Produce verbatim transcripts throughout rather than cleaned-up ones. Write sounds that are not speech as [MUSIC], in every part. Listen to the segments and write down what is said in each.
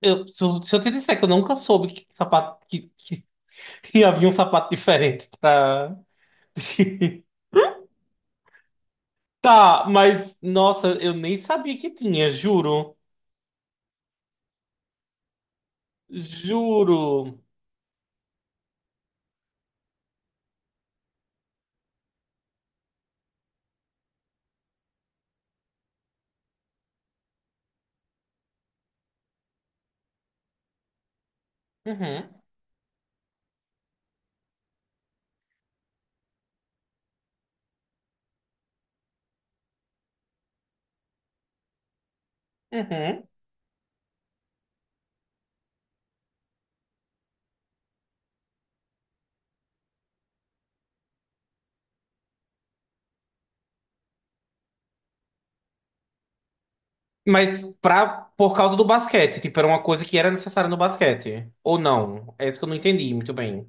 Eu, se, eu se eu te disser que eu nunca soube que sapato que, que, que havia um sapato diferente pra. [LAUGHS] Tá, mas nossa, eu nem sabia que tinha, juro. Juro. Uhum, uhum. Mas pra, por causa do basquete, tipo, era uma coisa que era necessária no basquete. Ou não? É isso que eu não entendi muito bem.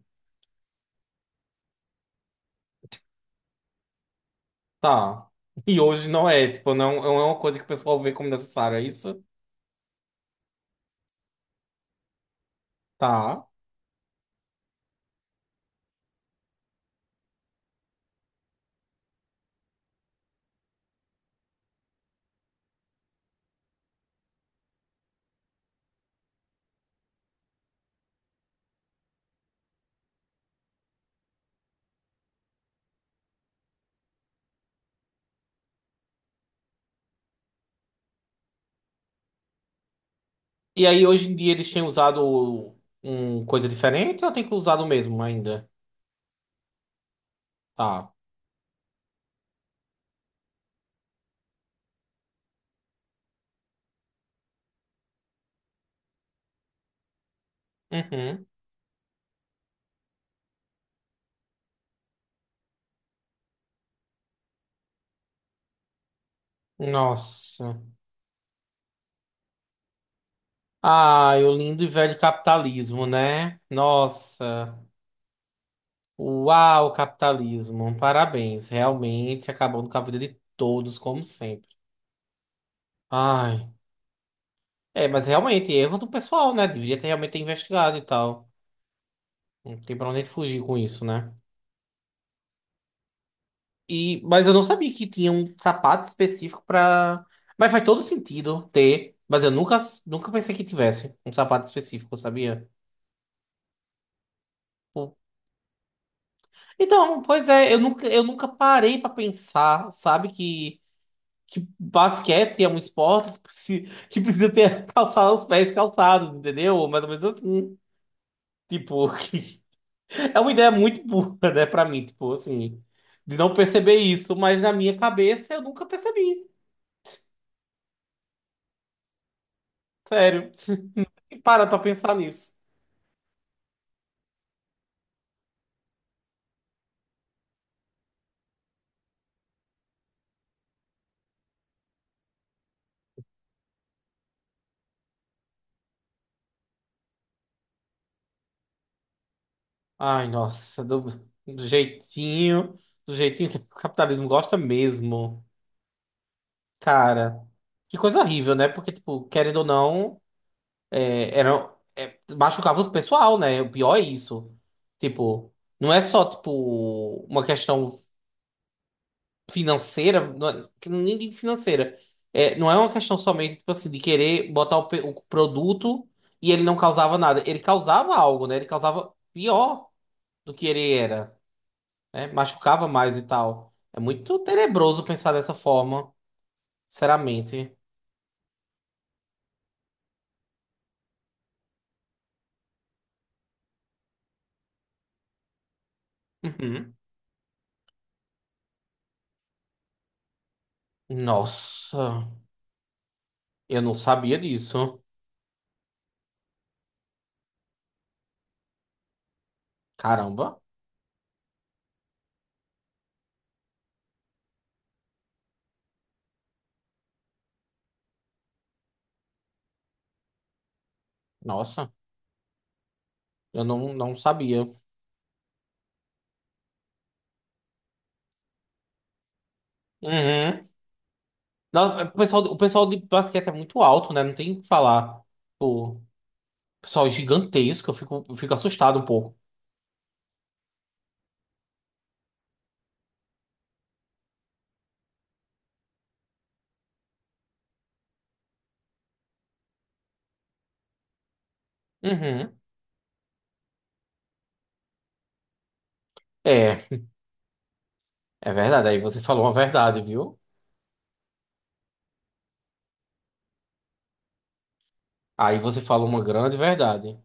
Tá. E hoje não é, tipo, não, não é uma coisa que o pessoal vê como necessária, é isso? Tá. E aí, hoje em dia, eles têm usado um coisa diferente ou tem que usar o mesmo ainda? Tá. Uhum. Nossa. Ai, o lindo e velho capitalismo, né? Nossa. Uau, capitalismo. Parabéns. Realmente acabando com a vida de todos, como sempre. Ai. É, mas realmente, erro do pessoal, né? Devia ter realmente investigado e tal. Não tem pra onde fugir com isso, né? E, mas eu não sabia que tinha um sapato específico pra. Mas faz todo sentido ter. Mas eu nunca, nunca pensei que tivesse um sapato específico, sabia? Tipo, Então, pois é, eu nunca, eu nunca parei pra pensar, sabe, que, que basquete é um esporte que preci- que precisa ter [LAUGHS] calçado, os pés calçados, entendeu? Mais ou menos assim. Tipo, [LAUGHS] que- é uma ideia muito burra, né, pra mim, tipo, assim, de não perceber isso, mas na minha cabeça eu nunca percebi. Sério. E para pra pensar nisso. Ai, nossa, do, do jeitinho, do jeitinho que o capitalismo gosta mesmo. Cara, que coisa horrível, né? Porque, tipo, querendo ou não, é, era, é, machucava o pessoal, né? O pior é isso. Tipo, não é só, tipo, uma questão financeira, não é- que não- é nem digo financeira. É, não é uma questão somente, tipo assim, de querer botar o, pe- o produto e ele não causava nada. Ele causava algo, né? Ele causava pior do que ele era. né? Machucava mais e tal. É muito tenebroso pensar dessa forma, sinceramente. Uhum. Nossa, eu não sabia disso. Caramba, nossa, eu não, não sabia. Uhum. Não, é, o pessoal, o pessoal de basquete é muito alto, né? Não tem o que falar. O pessoal é gigantesco, eu fico, eu fico assustado um pouco. Uhum. É, é verdade. Aí você falou uma verdade, viu? Aí você falou uma grande verdade.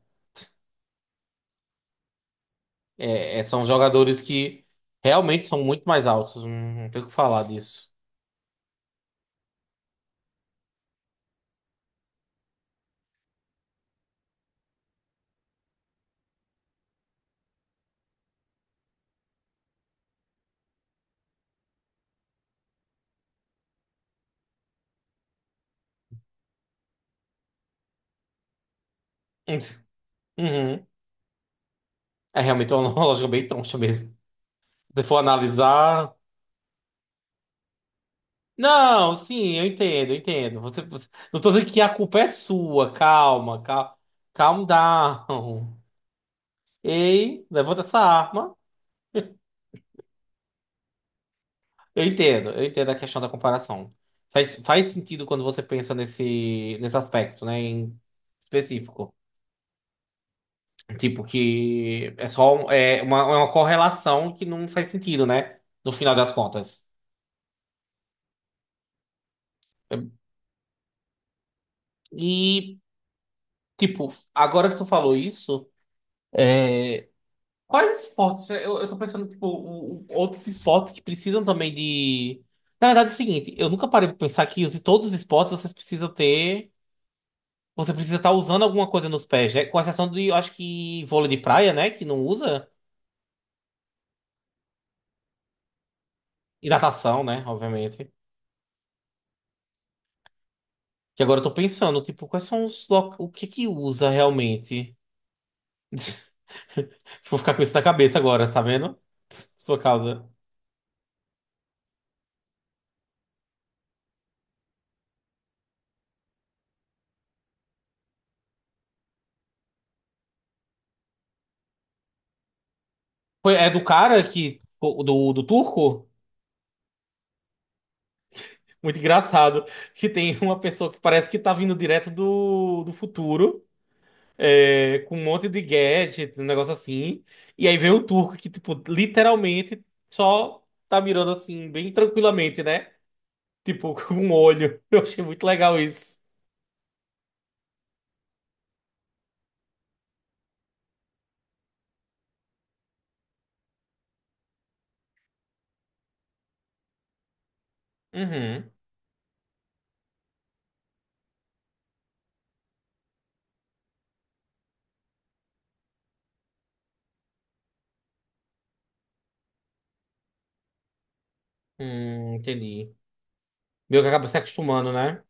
É, é, são jogadores que realmente são muito mais altos. Não, não tem o que falar disso. [LAUGHS] Uhum. É realmente uma [LAUGHS] lógica bem troncha mesmo. Se for analisar. Não, sim, eu entendo, eu entendo. Você, você... Não tô dizendo que a culpa é sua. Calma, calma. Calm down. Ei, levanta essa arma. Eu entendo, eu entendo a questão da comparação. Faz, faz sentido quando você pensa nesse, nesse aspecto, né, em específico. Tipo, que é só um- é uma, é uma correlação que não faz sentido, né? No final das contas. E, tipo, agora que tu falou isso, é, quais esportes? Eu, eu tô pensando, tipo, o- o- outros esportes que precisam também de. Na verdade, é o seguinte, eu nunca parei pra pensar que os- todos os esportes vocês precisam ter. Você precisa estar usando alguma coisa nos pés, né? Com exceção de, eu acho que vôlei de praia, né? Que não usa. E natação, né? Obviamente. Que agora eu tô pensando, tipo, quais são os lo... o que que usa realmente? [LAUGHS] Vou ficar com isso na cabeça agora, tá vendo? [LAUGHS] Sua causa. Foi- É do cara que do, do turco? Muito engraçado. Que tem [LAUGHS] uma pessoa que parece que tá vindo direto do, do futuro. é, com um monte de gadget, um negócio assim. E aí vem o turco que, tipo, literalmente só tá mirando assim, bem tranquilamente, né? Tipo, [LAUGHS] com um olho. Eu achei muito legal isso. Uhum. Hum, entendi. Meio que acaba se acostumando, né?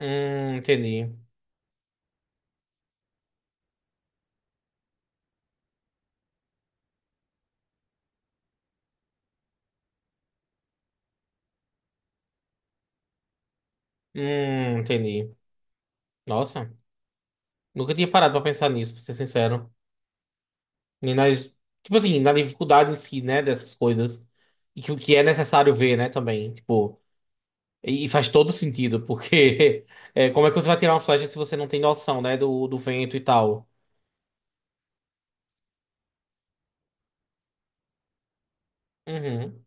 Hum, entendi. Hum, entendi. Nossa, nunca tinha parado pra pensar nisso, pra ser sincero. Nem nas, tipo assim, na dificuldade em si, né, dessas coisas. E que o que é necessário ver, né, também. Tipo, e e faz todo sentido, porque [LAUGHS] é, como é que você vai tirar uma flecha se você não tem noção, né, do, do vento e tal? Uhum,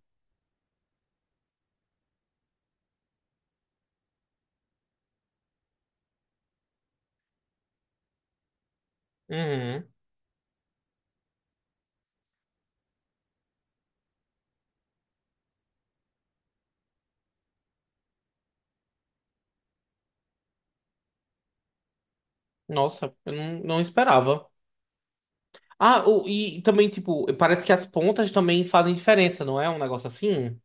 uhum. Nossa, eu não, não esperava. Ah, o- e também, tipo, parece que as pontas também fazem diferença, não é? Um negócio assim?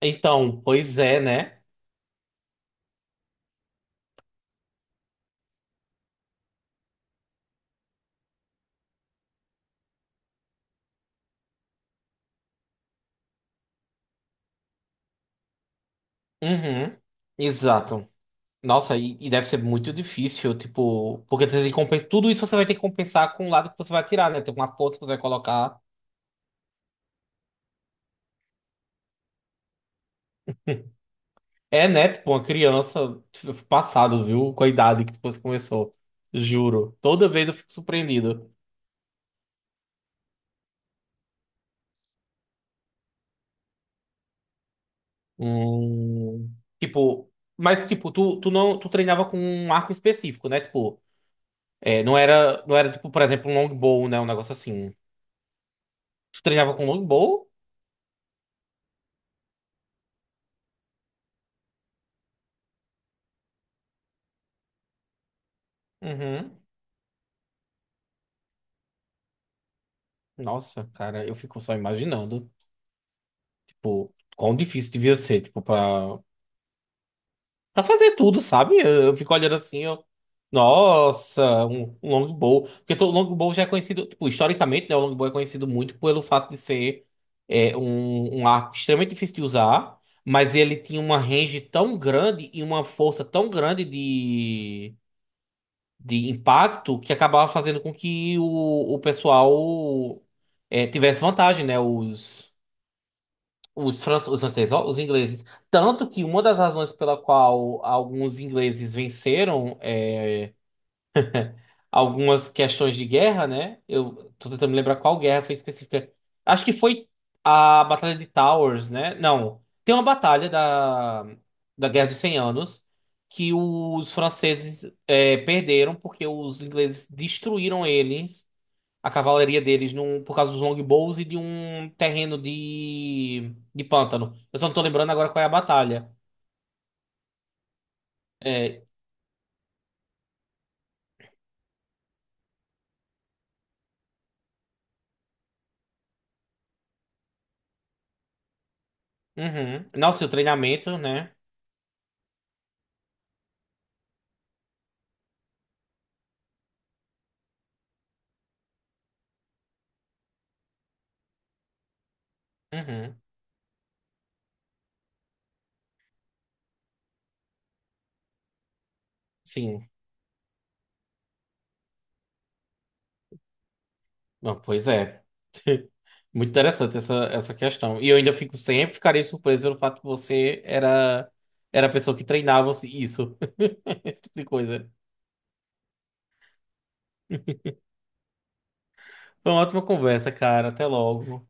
Então, pois é, né? Uhum. Exato. Nossa, e, e deve ser muito difícil, tipo, porque você tem que compensar tudo isso você vai ter que compensar com o lado que você vai tirar, né? Tem uma força que você vai colocar. É, né? Tipo, uma criança tipo, passado, viu? Com a idade que depois começou. Juro. Toda vez eu fico surpreendido. Hum, tipo, mas tipo, tu, tu não, tu treinava com um arco específico, né? Tipo, É, não era, não era tipo, por exemplo, um longbow, né? Um negócio assim. Tu treinava com longbow? Uhum. Nossa, cara, eu fico só imaginando, tipo, quão difícil devia ser, tipo, pra, pra fazer tudo, sabe? Eu, eu fico olhando assim, eu... Nossa, um, um longbow. Porque to- o longbow já é conhecido, tipo, historicamente, né? O longbow é conhecido muito pelo fato de ser é, um, um arco extremamente difícil de usar, mas ele tinha uma range tão grande e uma força tão grande de impacto que acabava fazendo com que o, o pessoal é, tivesse vantagem, né? Os, os, fran- os franceses, ó, os ingleses. Tanto que uma das razões pela qual alguns ingleses venceram eh, algumas questões de guerra, né? Eu tô tentando me lembrar qual guerra foi específica. Acho que foi a Batalha de Towers, né? Não, tem uma batalha da, da Guerra dos Cem Anos que os franceses é, perderam porque os ingleses destruíram eles, a cavalaria deles, num, por causa dos longbows e de um terreno de, de pântano. Eu só não tô lembrando agora qual é a batalha. É, uhum. Nossa, e o treinamento, né? Uhum. Sim. Não, pois é. [LAUGHS] Muito interessante essa, essa questão. E eu ainda fico sempre ficaria surpreso pelo fato que você era, era a pessoa que treinava isso. [LAUGHS] Esse tipo de coisa. Foi uma ótima conversa, cara. Até logo.